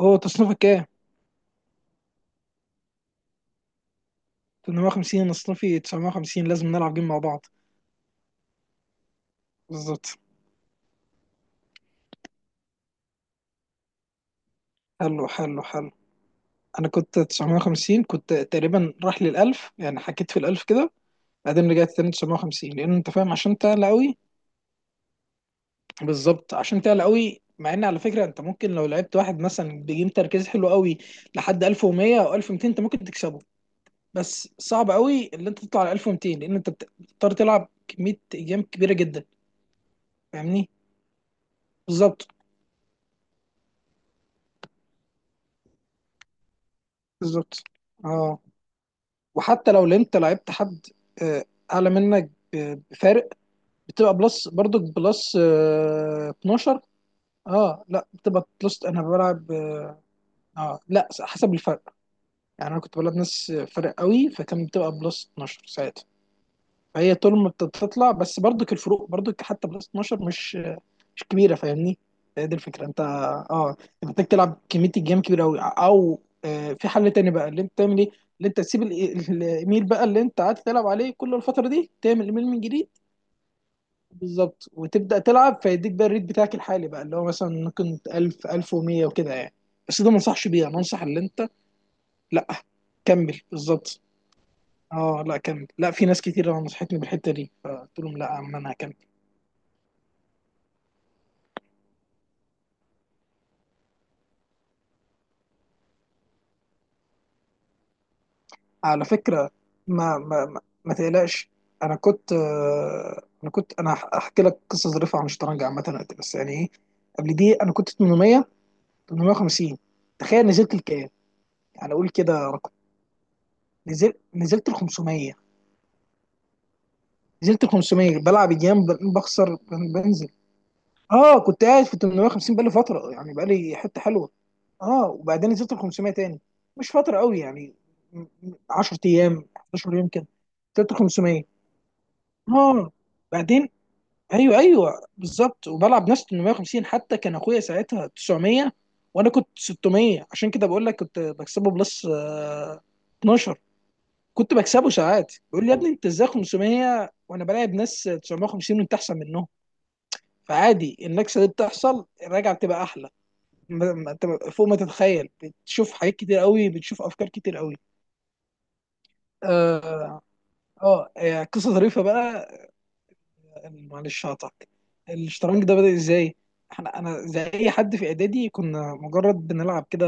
هو تصنيفك كام؟ 850. انا تصنيفي 950، لازم نلعب جيم مع بعض. بالظبط. حلو حلو حلو. انا كنت 950، كنت تقريبا راح للألف، يعني حكيت في الألف كده. بعدين رجعت تاني 950، لأن أنت فاهم عشان تعلى قوي. بالظبط، عشان تعلى قوي. مع ان على فكره، انت ممكن لو لعبت واحد مثلا بجيم تركيز حلو قوي لحد 1100 او 1200 انت ممكن تكسبه. بس صعب قوي اللي انت تطلع على 1200، لان انت بتضطر تلعب كميه ايام كبيره جدا. فاهمني؟ بالظبط. بالظبط. اه، وحتى لو انت لعبت حد آه، اعلى منك بفارق، بتبقى بلس، برضك بلس 12. اه لا، بتبقى بلس. انا بلعب اه لا، حسب الفرق. يعني انا كنت بلعب ناس فرق قوي، فكان بتبقى بلس 12 ساعتها. فهي طول ما بتطلع، بس برضك الفروق برضك حتى بلس 12 مش كبيره. فاهمني؟ هي دي الفكره. انت محتاج تلعب كميه الجيم كبيره قوي، او في حل تاني بقى اللي انت تعمل ايه. اللي انت تسيب الايميل بقى اللي انت قاعد تلعب عليه كل الفتره دي، تعمل ايميل من جديد. بالظبط، وتبدا تلعب فيديك بقى الريت بتاعك الحالي، بقى اللي هو مثلا ممكن 1000 1100 وكده يعني. بس ده ما انصحش بيه، انا انصح اللي انت... لا، كمل بالظبط. اه لا، كمل. لا، في ناس كتير نصحتني بالحته دي، فقلت لهم لا يا عم انا هكمل. على فكرة، ما تقلقش. انا كنت، انا هحكي لك قصة ظريفة عن الشطرنج عامة دلوقتي، بس يعني ايه. قبل دي انا كنت 800، 850. تخيل نزلت لكام؟ يعني اقول كده رقم. نزلت ل 500. نزلت ل 500 بلعب جيم، بخسر بنزل. اه، كنت قاعد في 850 بقالي فترة، يعني بقالي حتة حلوة. اه، وبعدين نزلت ل 500 تاني، مش فترة قوي يعني، 10 ايام 11 يوم كده، نزلت ل 500. اه بعدين، ايوه ايوه، بالظبط. وبلعب ناس 850، حتى كان اخويا ساعتها 900 وانا كنت 600، عشان كده بقول لك كنت بكسبه بلس 12. كنت بكسبه ساعات، بيقول لي يا ابني انت ازاي 500 وانا بلاعب ناس 950 وانت احسن منهم؟ فعادي، النكسه دي بتحصل، الرجعه بتبقى احلى. انت فوق ما تتخيل، بتشوف حاجات كتير قوي، بتشوف افكار كتير قوي. اه. قصه ظريفه بقى. معلش هقطعك، الشطرنج ده بدأ ازاي؟ احنا، انا زي اي حد في اعدادي، كنا مجرد بنلعب كده،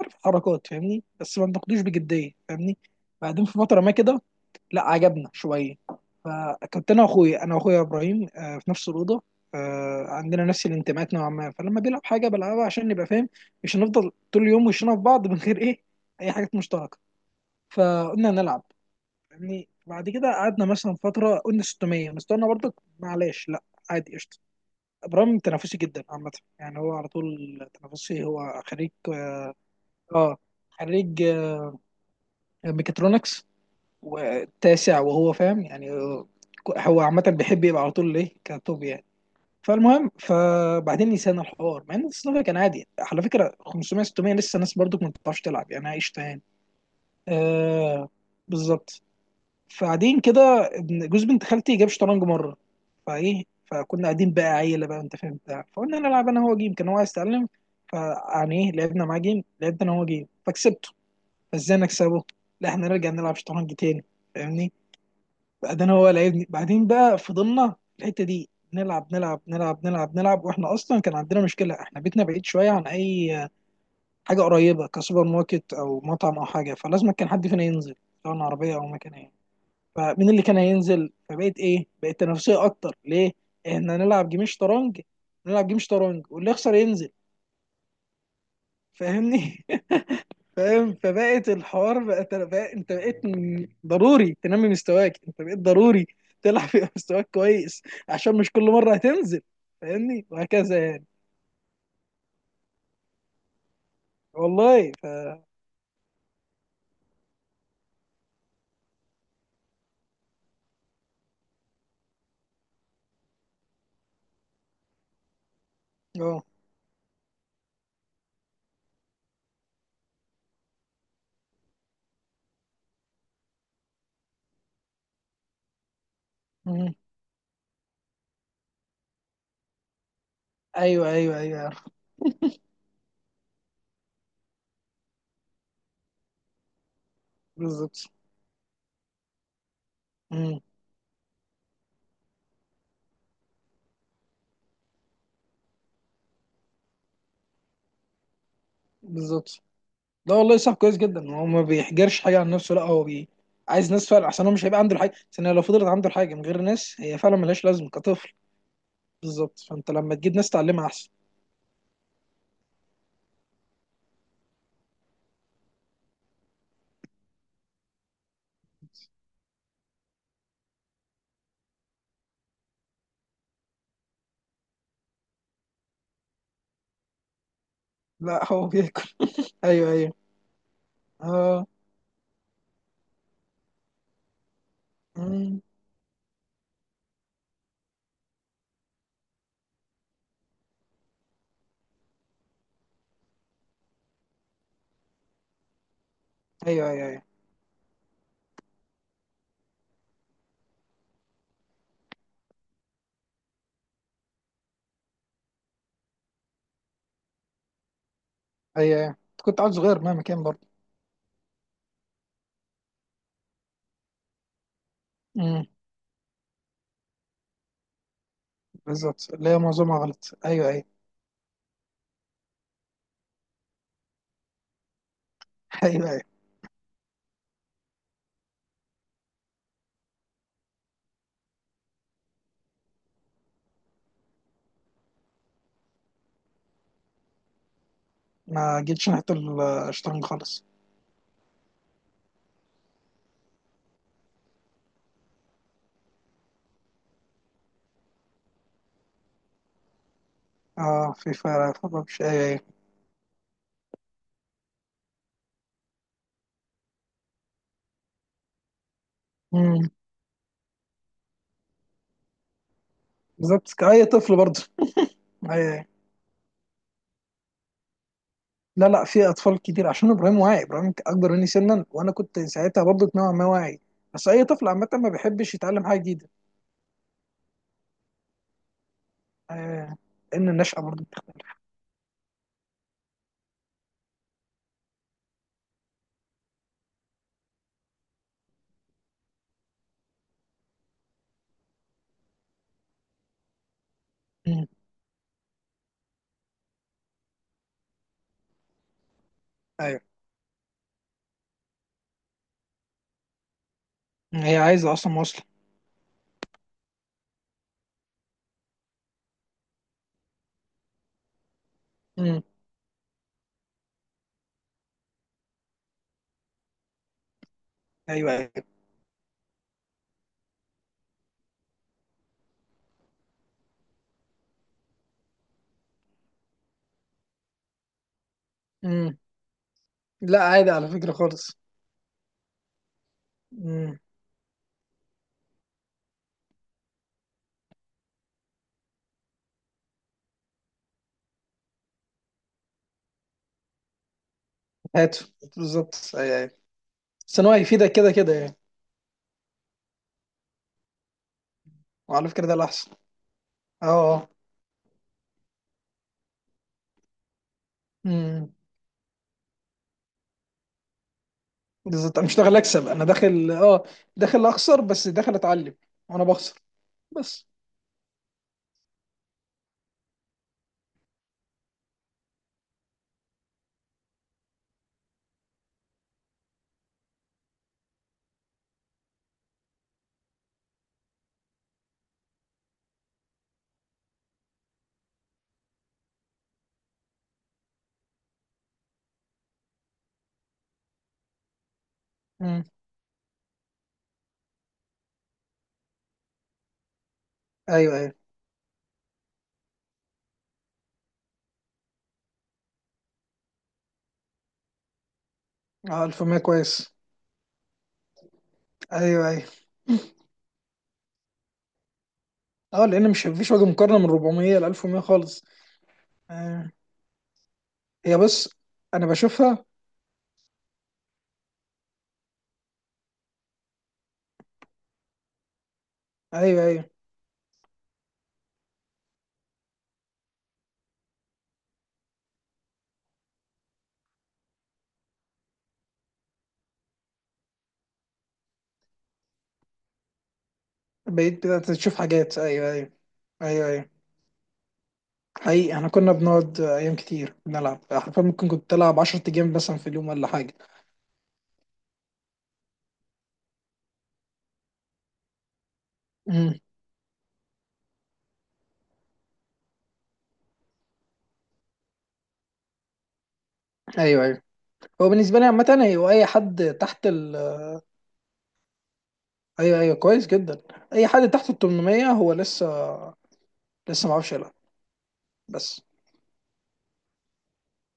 عارف حركات، فاهمني، بس ما بناخدوش بجديه، فاهمني. بعدين في فتره ما كده، لا عجبنا شويه. فكنت انا واخويا، ابراهيم في نفس الاوضه. عندنا نفس الانتماءات نوعا ما، فلما بيلعب حاجه بلعبها عشان نبقى فاهم، مش هنفضل طول اليوم وشنا في بعض من غير ايه، اي حاجات مشتركه. فقلنا نلعب. يعني بعد كده قعدنا مثلا فترة، قلنا 600 مستوانا برضك، معلش لا، عادي، قشطة. ابراهيم تنافسي جدا عامة، يعني هو على طول تنافسي. هو خريج، اه خريج ميكاترونكس، والتاسع، وهو فاهم يعني هو عامة بيحب يبقى على طول ايه، كتوب يعني. فالمهم، فبعدين نسينا الحوار. مع ان الصنف كان عادي على فكرة، 500 600 لسه ناس برضك ما بتعرفش تلعب يعني، عايش تاني. آه، بالظبط. فقاعدين كده، جوز بنت خالتي جاب شطرنج مره. فايه، فكنا قاعدين بقى عيله بقى، انت فاهم بتاع، فقلنا نلعب انا هو جيم، كان هو عايز يتعلم. فيعني ايه، لعبنا معاه جيم، لعبت انا هو جيم فكسبته. فازاي نكسبه؟ لا احنا نرجع نلعب شطرنج تاني، فاهمني؟ بعدين هو لعبني، بعدين بقى فضلنا في الحته دي نلعب نلعب نلعب نلعب نلعب. واحنا اصلا كان عندنا مشكله، احنا بيتنا بعيد شويه عن اي حاجه قريبه كسوبر ماركت او مطعم او حاجه، فلازم كان حد فينا ينزل، سواء عربيه او مكان. فمين اللي كان هينزل؟ فبقيت ايه، بقت تنافسيه اكتر ليه. احنا هنلعب جيم شطرنج، نلعب جيم شطرنج واللي يخسر ينزل، فاهمني. فاهم. فبقت الحوار بقت بقى، انت بقيت ضروري تنمي مستواك، انت بقيت ضروري تلعب في مستواك كويس، عشان مش كل مره هتنزل، فاهمني، وهكذا يعني. والله، ف اه. مم، ايوه ايوه ايوه عارف. بالظبط. مم، بالظبط. لا والله، صعب كويس جدا. هو ما بيحجرش حاجه عن نفسه، لا هو بي... عايز ناس فعلا احسن، هو مش هيبقى عنده الحاجه، عشان لو فضلت عنده الحاجه من غير ناس هي فعلا ملهاش لازمه، كطفل. بالظبط، فانت لما تجيب ناس تعلمها احسن. لا، هو بياكل. ايوه ايوه. اه. أمم. ايوه ايوه ايوه ايوه ايوه. أنت كنت عيل صغير مهما كان برضه. امم. بالظبط، اللي هي معظمها غلط. ايوه ايوه. ايوه ايوه. ما جيتش ناحيه الشطرنج خالص. اه، في فرق فرق، مش ايوه ايوه. أمم. بالظبط، كأي طفل برضه. ايوه أيوة. لا لا، في اطفال كتير. عشان ابراهيم واعي، ابراهيم اكبر مني سنا، وانا كنت ساعتها برضه نوعا ما واعي. بس اي طفل عامه ما بيحبش يتعلم حاجه جديده. آه، لان النشأة برضه بتختلف. مم، ايوه. هي عايزه اصلا مواصله. مم، ايوه ايوه. مم، لا عادي على فكره خالص. مم، هاته. بالظبط ايوه ايوه. بس إن هو هيفيدك كده كده يعني. وعلى فكره ده الاحسن. اه. اه. مم، بالظبط، انا مش داخل اكسب، انا داخل اه داخل اخسر، بس داخل اتعلم، وانا بخسر بس. مم، ايوه ايوه. اه، 1100 كويس. ايوه ايوه. اه، لان مش مفيش وجه مقارنه من 400 ل 1100 خالص. آه. هي بص، انا بشوفها. ايوه ايوه. بقيت بدأت تشوف حاجات، ايوه ايوه ايوه ايوه. حقيقي، احنا كنا بنقعد ايام كتير بنلعب، حرفيا ممكن كنت العب 10 جيم مثلا في اليوم ولا حاجه. امم، ايوه ايوه. هو بالنسبه لي عامه، هو اي حد تحت ال... ايوه ايوه، كويس جدا. اي حد تحت ال 800 هو لسه، لسه ما عرفش يلعب بس.